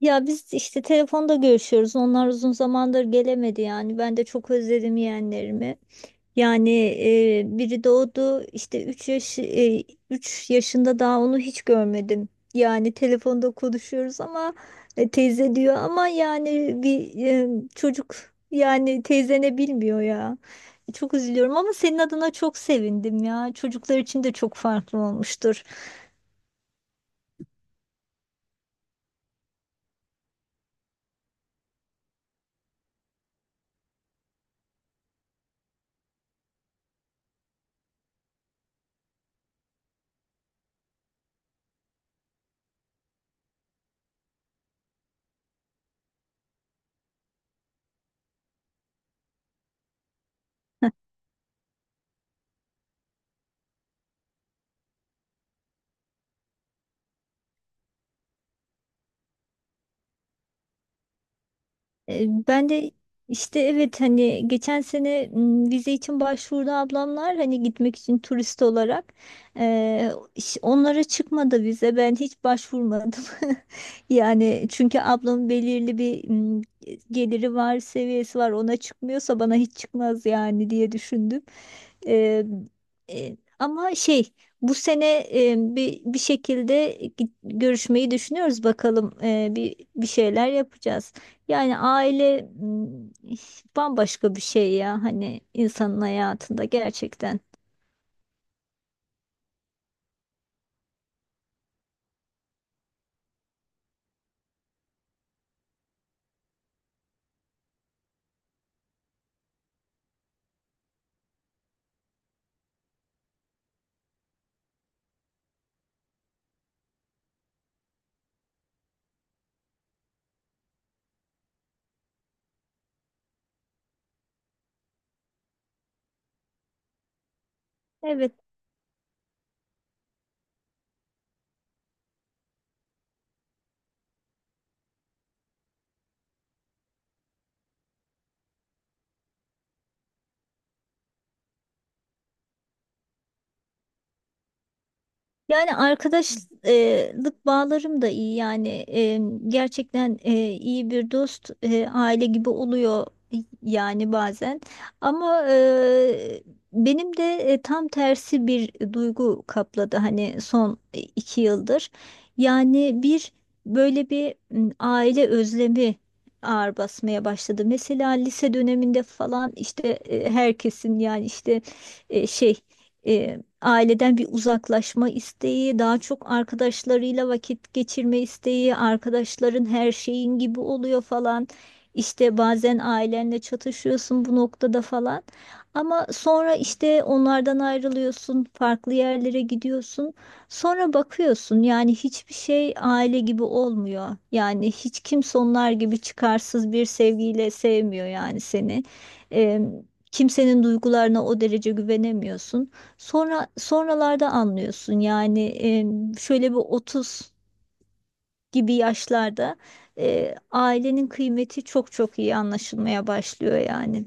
Ya biz işte telefonda görüşüyoruz. Onlar uzun zamandır gelemedi yani. Ben de çok özledim yeğenlerimi. Yani Biri doğdu işte 3 üç yaşında daha onu hiç görmedim. Yani telefonda konuşuyoruz ama teyze diyor ama çocuk yani teyzene bilmiyor ya. Çok üzülüyorum ama senin adına çok sevindim ya. Çocuklar için de çok farklı olmuştur. Ben de işte evet hani geçen sene, vize için başvurdu ablamlar hani gitmek için turist olarak. Onlara çıkmadı vize, ben hiç başvurmadım. Yani çünkü ablamın belirli bir geliri var, seviyesi var, ona çıkmıyorsa bana hiç çıkmaz yani diye düşündüm. E, ama bu sene bir şekilde görüşmeyi düşünüyoruz bakalım. Bir şeyler yapacağız. Yani aile bambaşka bir şey ya hani insanın hayatında gerçekten. Evet, yani arkadaşlık bağlarım da iyi yani, gerçekten iyi bir dost, aile gibi oluyor yani bazen, ama benim de tam tersi bir duygu kapladı hani son iki yıldır. Yani bir böyle bir m, aile özlemi ağır basmaya başladı. Mesela lise döneminde falan işte herkesin yani işte e, şey e, aileden bir uzaklaşma isteği, daha çok arkadaşlarıyla vakit geçirme isteği, arkadaşların her şeyin gibi oluyor falan. İşte bazen ailenle çatışıyorsun bu noktada falan. Ama sonra işte onlardan ayrılıyorsun, farklı yerlere gidiyorsun. Sonra bakıyorsun yani hiçbir şey aile gibi olmuyor. Yani hiç kimse onlar gibi çıkarsız bir sevgiyle sevmiyor yani seni. Em, Kimsenin duygularına o derece güvenemiyorsun. Sonra sonralarda anlıyorsun yani şöyle bir 30 gibi yaşlarda ailenin kıymeti çok çok iyi anlaşılmaya başlıyor yani.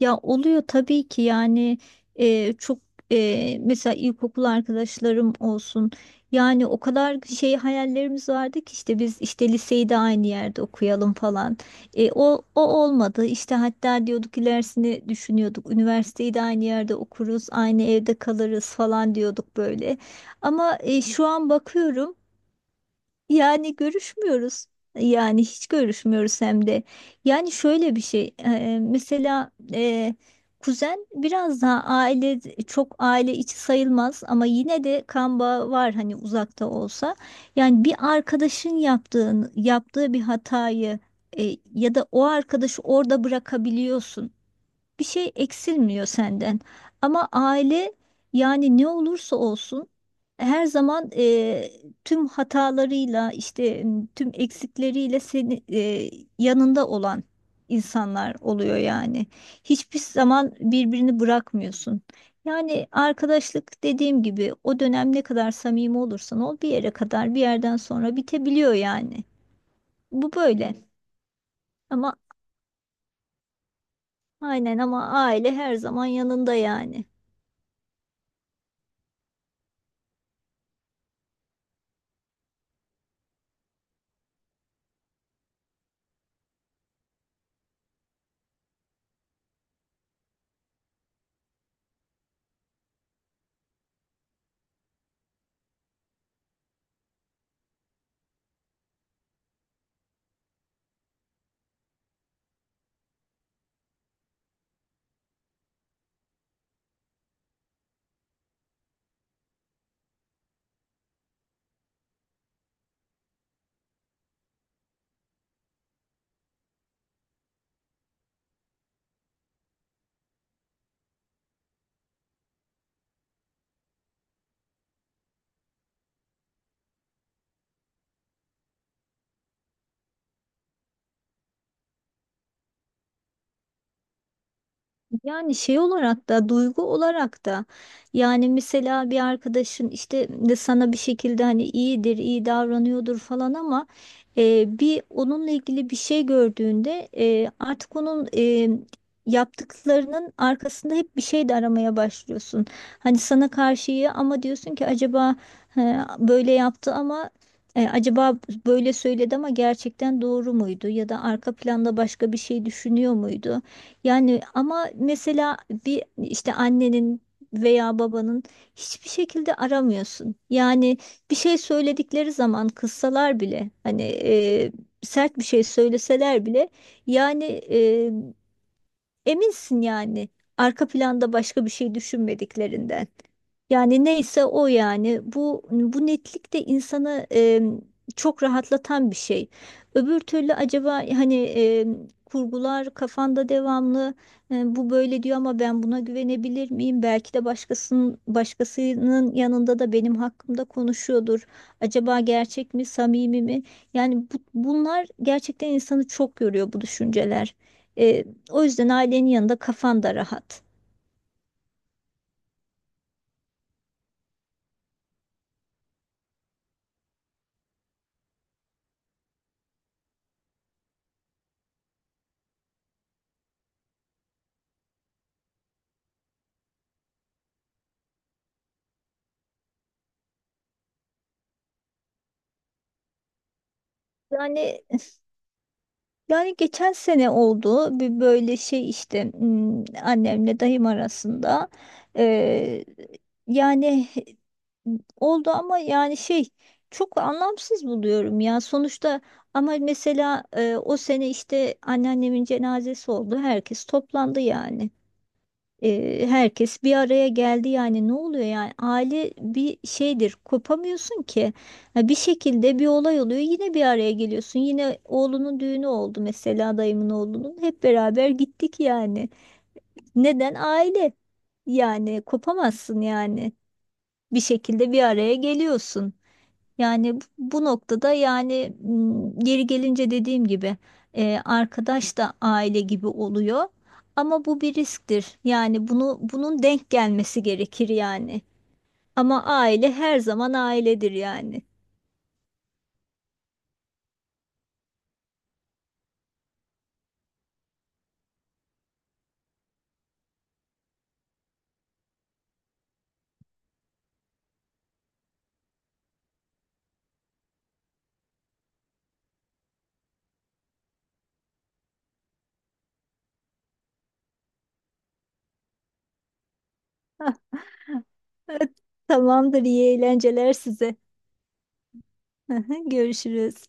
Ya oluyor tabii ki yani e, çok mesela ilkokul arkadaşlarım olsun, yani o kadar şey hayallerimiz vardı ki işte biz işte liseyi de aynı yerde okuyalım falan. O olmadı işte, hatta diyorduk ilerisini düşünüyorduk üniversiteyi de aynı yerde okuruz aynı evde kalırız falan diyorduk böyle, ama şu an bakıyorum yani görüşmüyoruz. Yani hiç görüşmüyoruz hem de. Yani şöyle bir şey. Mesela kuzen biraz daha aile, çok aile içi sayılmaz ama yine de kan bağı var hani uzakta olsa. Yani bir arkadaşın yaptığı bir hatayı ya da o arkadaşı orada bırakabiliyorsun, bir şey eksilmiyor senden. Ama aile yani ne olursa olsun her zaman tüm hatalarıyla işte tüm eksikleriyle seni, yanında olan insanlar oluyor yani. Hiçbir zaman birbirini bırakmıyorsun. Yani arkadaşlık dediğim gibi o dönem ne kadar samimi olursan ol, bir yere kadar, bir yerden sonra bitebiliyor yani. Bu böyle. Ama aynen, ama aile her zaman yanında yani. Yani şey olarak da duygu olarak da yani mesela bir arkadaşın işte de sana bir şekilde hani iyidir, iyi davranıyordur falan ama bir onunla ilgili bir şey gördüğünde artık onun yaptıklarının arkasında hep bir şey de aramaya başlıyorsun. Hani sana karşı iyi ama diyorsun ki acaba böyle yaptı ama, acaba böyle söyledi ama gerçekten doğru muydu, ya da arka planda başka bir şey düşünüyor muydu? Yani ama mesela bir işte annenin veya babanın hiçbir şekilde aramıyorsun. Yani bir şey söyledikleri zaman kızsalar bile hani sert bir şey söyleseler bile yani e, eminsin yani arka planda başka bir şey düşünmediklerinden. Yani neyse o, yani bu bu netlik de insanı çok rahatlatan bir şey. Öbür türlü acaba hani kurgular kafanda devamlı, bu böyle diyor ama ben buna güvenebilir miyim? Belki de başkasının, başkasının yanında da benim hakkımda konuşuyordur. Acaba gerçek mi, samimi mi? Yani bunlar gerçekten insanı çok yoruyor bu düşünceler. O yüzden ailenin yanında kafan da rahat. Yani, yani geçen sene oldu bir böyle şey işte, hmm, annemle dayım arasında. Ee, yani Oldu ama yani şey, çok anlamsız buluyorum ya. Sonuçta ama mesela o sene işte anneannemin cenazesi oldu. Herkes toplandı yani. Herkes bir araya geldi. Yani ne oluyor yani, aile bir şeydir, kopamıyorsun ki. Ha, bir şekilde bir olay oluyor, yine bir araya geliyorsun, yine oğlunun düğünü oldu mesela, dayımın oğlunun, hep beraber gittik yani. Neden aile, yani kopamazsın yani, bir şekilde bir araya geliyorsun. Yani bu bu noktada, geri gelince dediğim gibi arkadaş da aile gibi oluyor. Ama bu bir risktir. Yani bunu, bunun denk gelmesi gerekir yani. Ama aile her zaman ailedir yani. Tamamdır, iyi eğlenceler size. Görüşürüz.